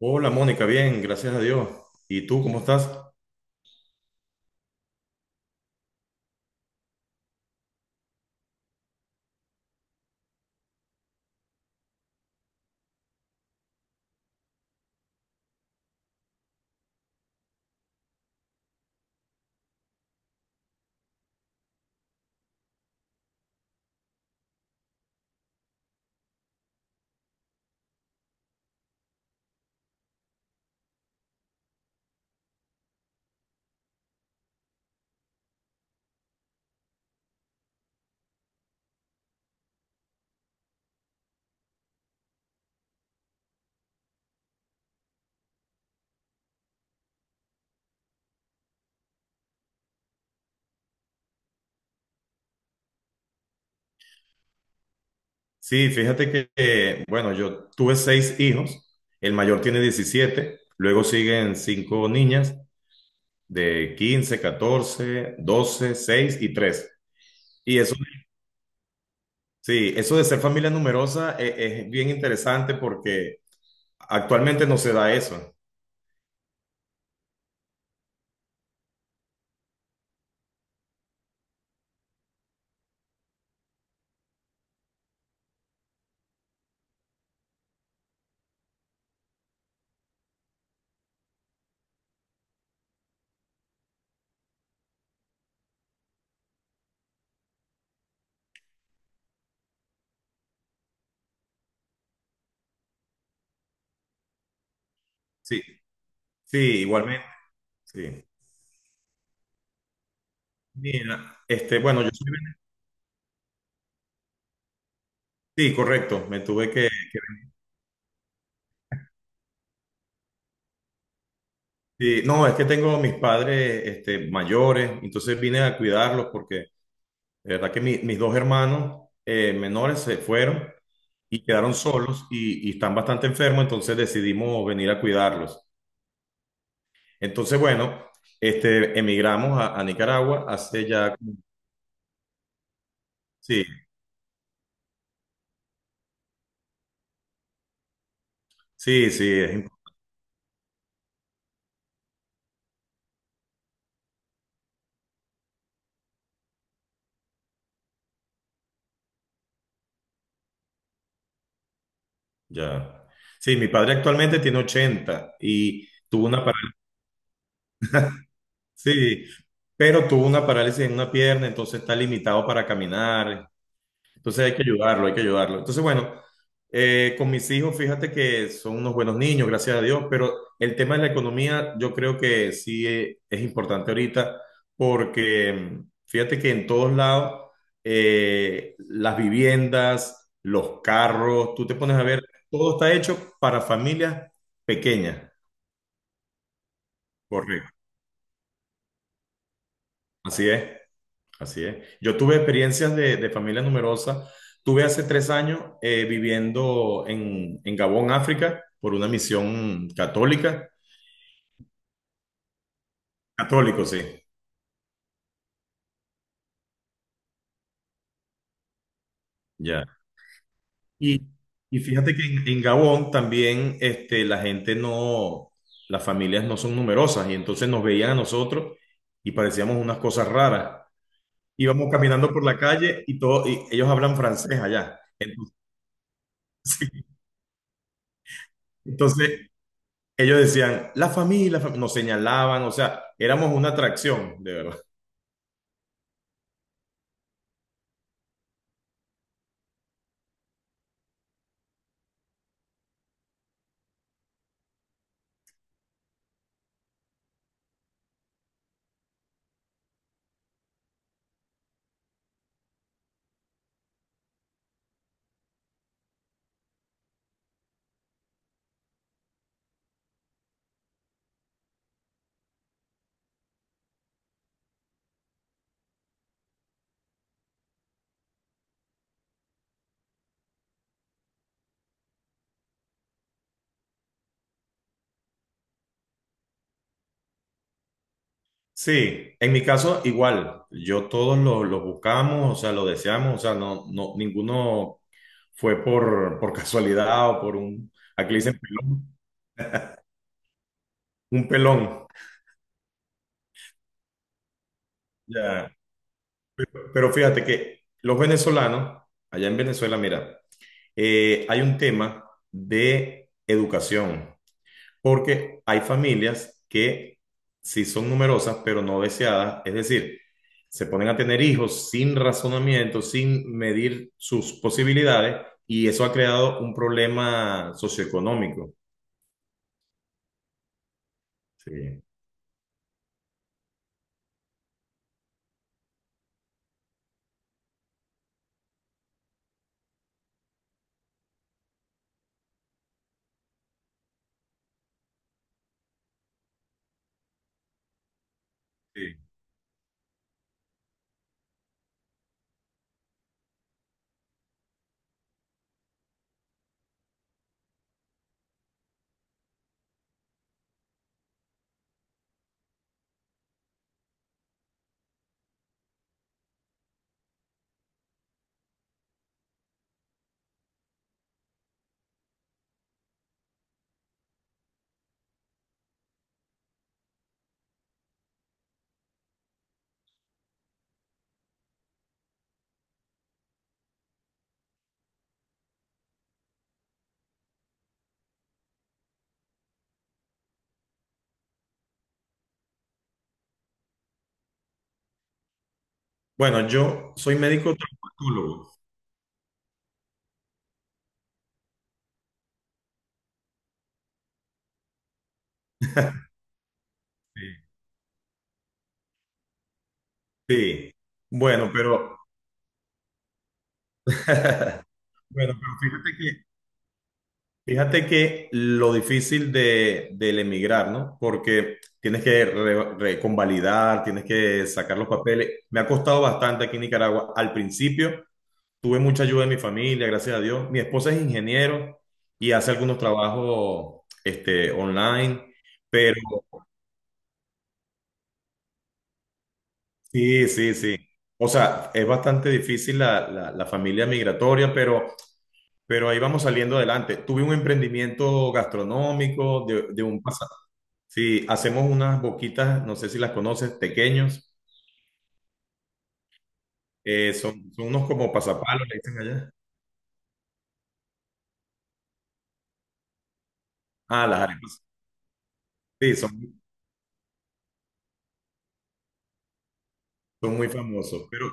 Hola Mónica, bien, gracias a Dios. ¿Y tú cómo estás? Sí, fíjate que, bueno, yo tuve seis hijos, el mayor tiene 17. Luego siguen cinco niñas de 15, 14, 12, 6 y 3. Y eso, sí, eso de ser familia numerosa es, bien interesante porque actualmente no se da eso. Sí, sí, igualmente, sí. Mira, este, bueno, yo soy, vene- sí, correcto, me tuve que. Sí, no, es que tengo mis padres mayores, entonces vine a cuidarlos porque de verdad que mis dos hermanos menores se fueron y quedaron solos y están bastante enfermos, entonces decidimos venir a cuidarlos. Entonces, bueno, emigramos a Nicaragua hace ya. Sí, sí, sí, ya. Sí, mi padre actualmente tiene 80 y tuvo una parálisis, sí, pero tuvo una parálisis en una pierna, entonces está limitado para caminar. Entonces hay que ayudarlo, hay que ayudarlo. Entonces, bueno, con mis hijos, fíjate que son unos buenos niños, gracias a Dios, pero el tema de la economía yo creo que sí es importante ahorita porque fíjate que en todos lados las viviendas, los carros, tú te pones a ver, todo está hecho para familias pequeñas. Correcto. Así es. Así es. Yo tuve experiencias de familia numerosa. Tuve hace 3 años viviendo en Gabón, África, por una misión católica. Católico, sí. Ya. Y, y fíjate que en Gabón también la gente no, las familias no son numerosas y entonces nos veían a nosotros y parecíamos unas cosas raras. Íbamos caminando por la calle y, todo, y ellos hablan francés allá. Entonces, entonces ellos decían, la familia, la fam-". Nos señalaban, o sea, éramos una atracción, de verdad. Sí, en mi caso igual, yo todos lo buscamos, o sea, lo deseamos, o sea, no, no, ninguno fue por casualidad o por un, aquí le dicen pelón, un pelón. Ya. Pero fíjate que los venezolanos, allá en Venezuela, mira, hay un tema de educación. Porque hay familias que sí son numerosas, pero no deseadas, es decir, se ponen a tener hijos sin razonamiento, sin medir sus posibilidades, y eso ha creado un problema socioeconómico. Sí. Sí. Bueno, yo soy médico traumatólogo. Sí. Sí. Bueno, pero, bueno, pero Fíjate que lo difícil de, del emigrar, ¿no? Porque tienes que reconvalidar, tienes que sacar los papeles. Me ha costado bastante aquí en Nicaragua. Al principio tuve mucha ayuda de mi familia, gracias a Dios. Mi esposa es ingeniero y hace algunos trabajos online, pero sí, sí, sí. O sea, es bastante difícil la familia migratoria, pero ahí vamos saliendo adelante. Tuve un emprendimiento gastronómico de un. Sí, hacemos unas boquitas, no sé si las conoces, pequeños. Son unos como pasapalos, le dicen allá. Ah, las arepas. Sí, son muy famosos. Pero,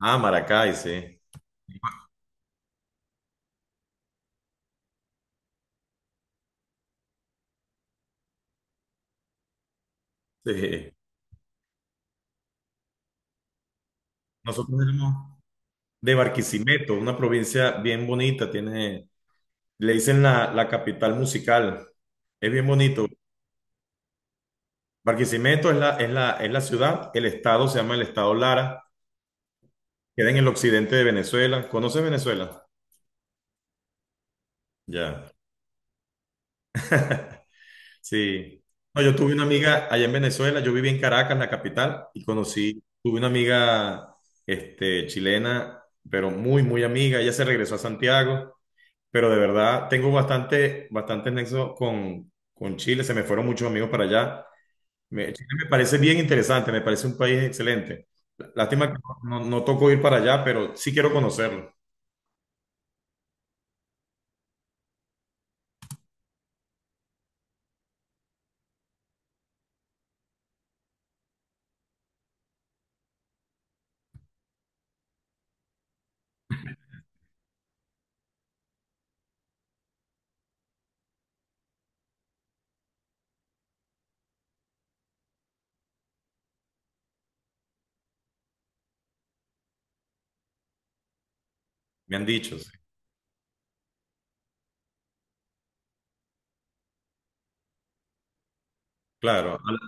ah, Maracay, sí. Sí. Nosotros éramos de Barquisimeto, una provincia bien bonita. Tiene, le dicen la capital musical. Es bien bonito. Barquisimeto es la ciudad. El estado se llama el estado Lara. Queda en el occidente de Venezuela. ¿Conoces Venezuela? Ya. Sí. No, yo tuve una amiga allá en Venezuela, yo viví en Caracas, la capital, y conocí, tuve una amiga chilena, pero muy, muy amiga. Ella se regresó a Santiago, pero de verdad tengo bastante, bastante nexo con Chile. Se me fueron muchos amigos para allá. Chile me parece bien interesante, me parece un país excelente. Lástima que no tocó ir para allá, pero sí quiero conocerlo. Me han dicho, sí. Claro,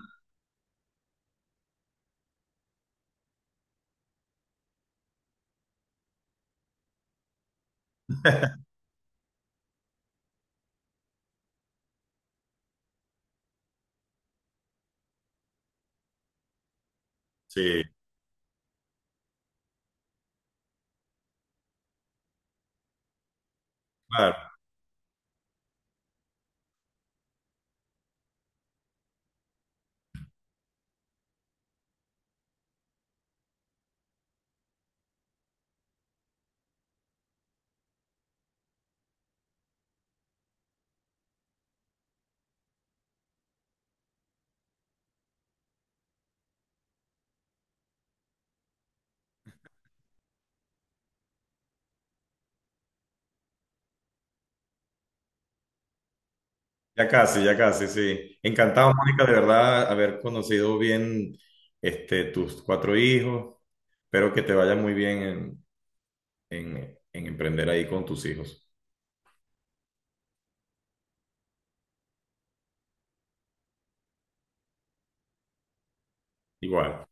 sí, claro. Ya casi, sí. Encantado, Mónica, de verdad, haber conocido bien tus cuatro hijos. Espero que te vaya muy bien en, en emprender ahí con tus hijos. Igual.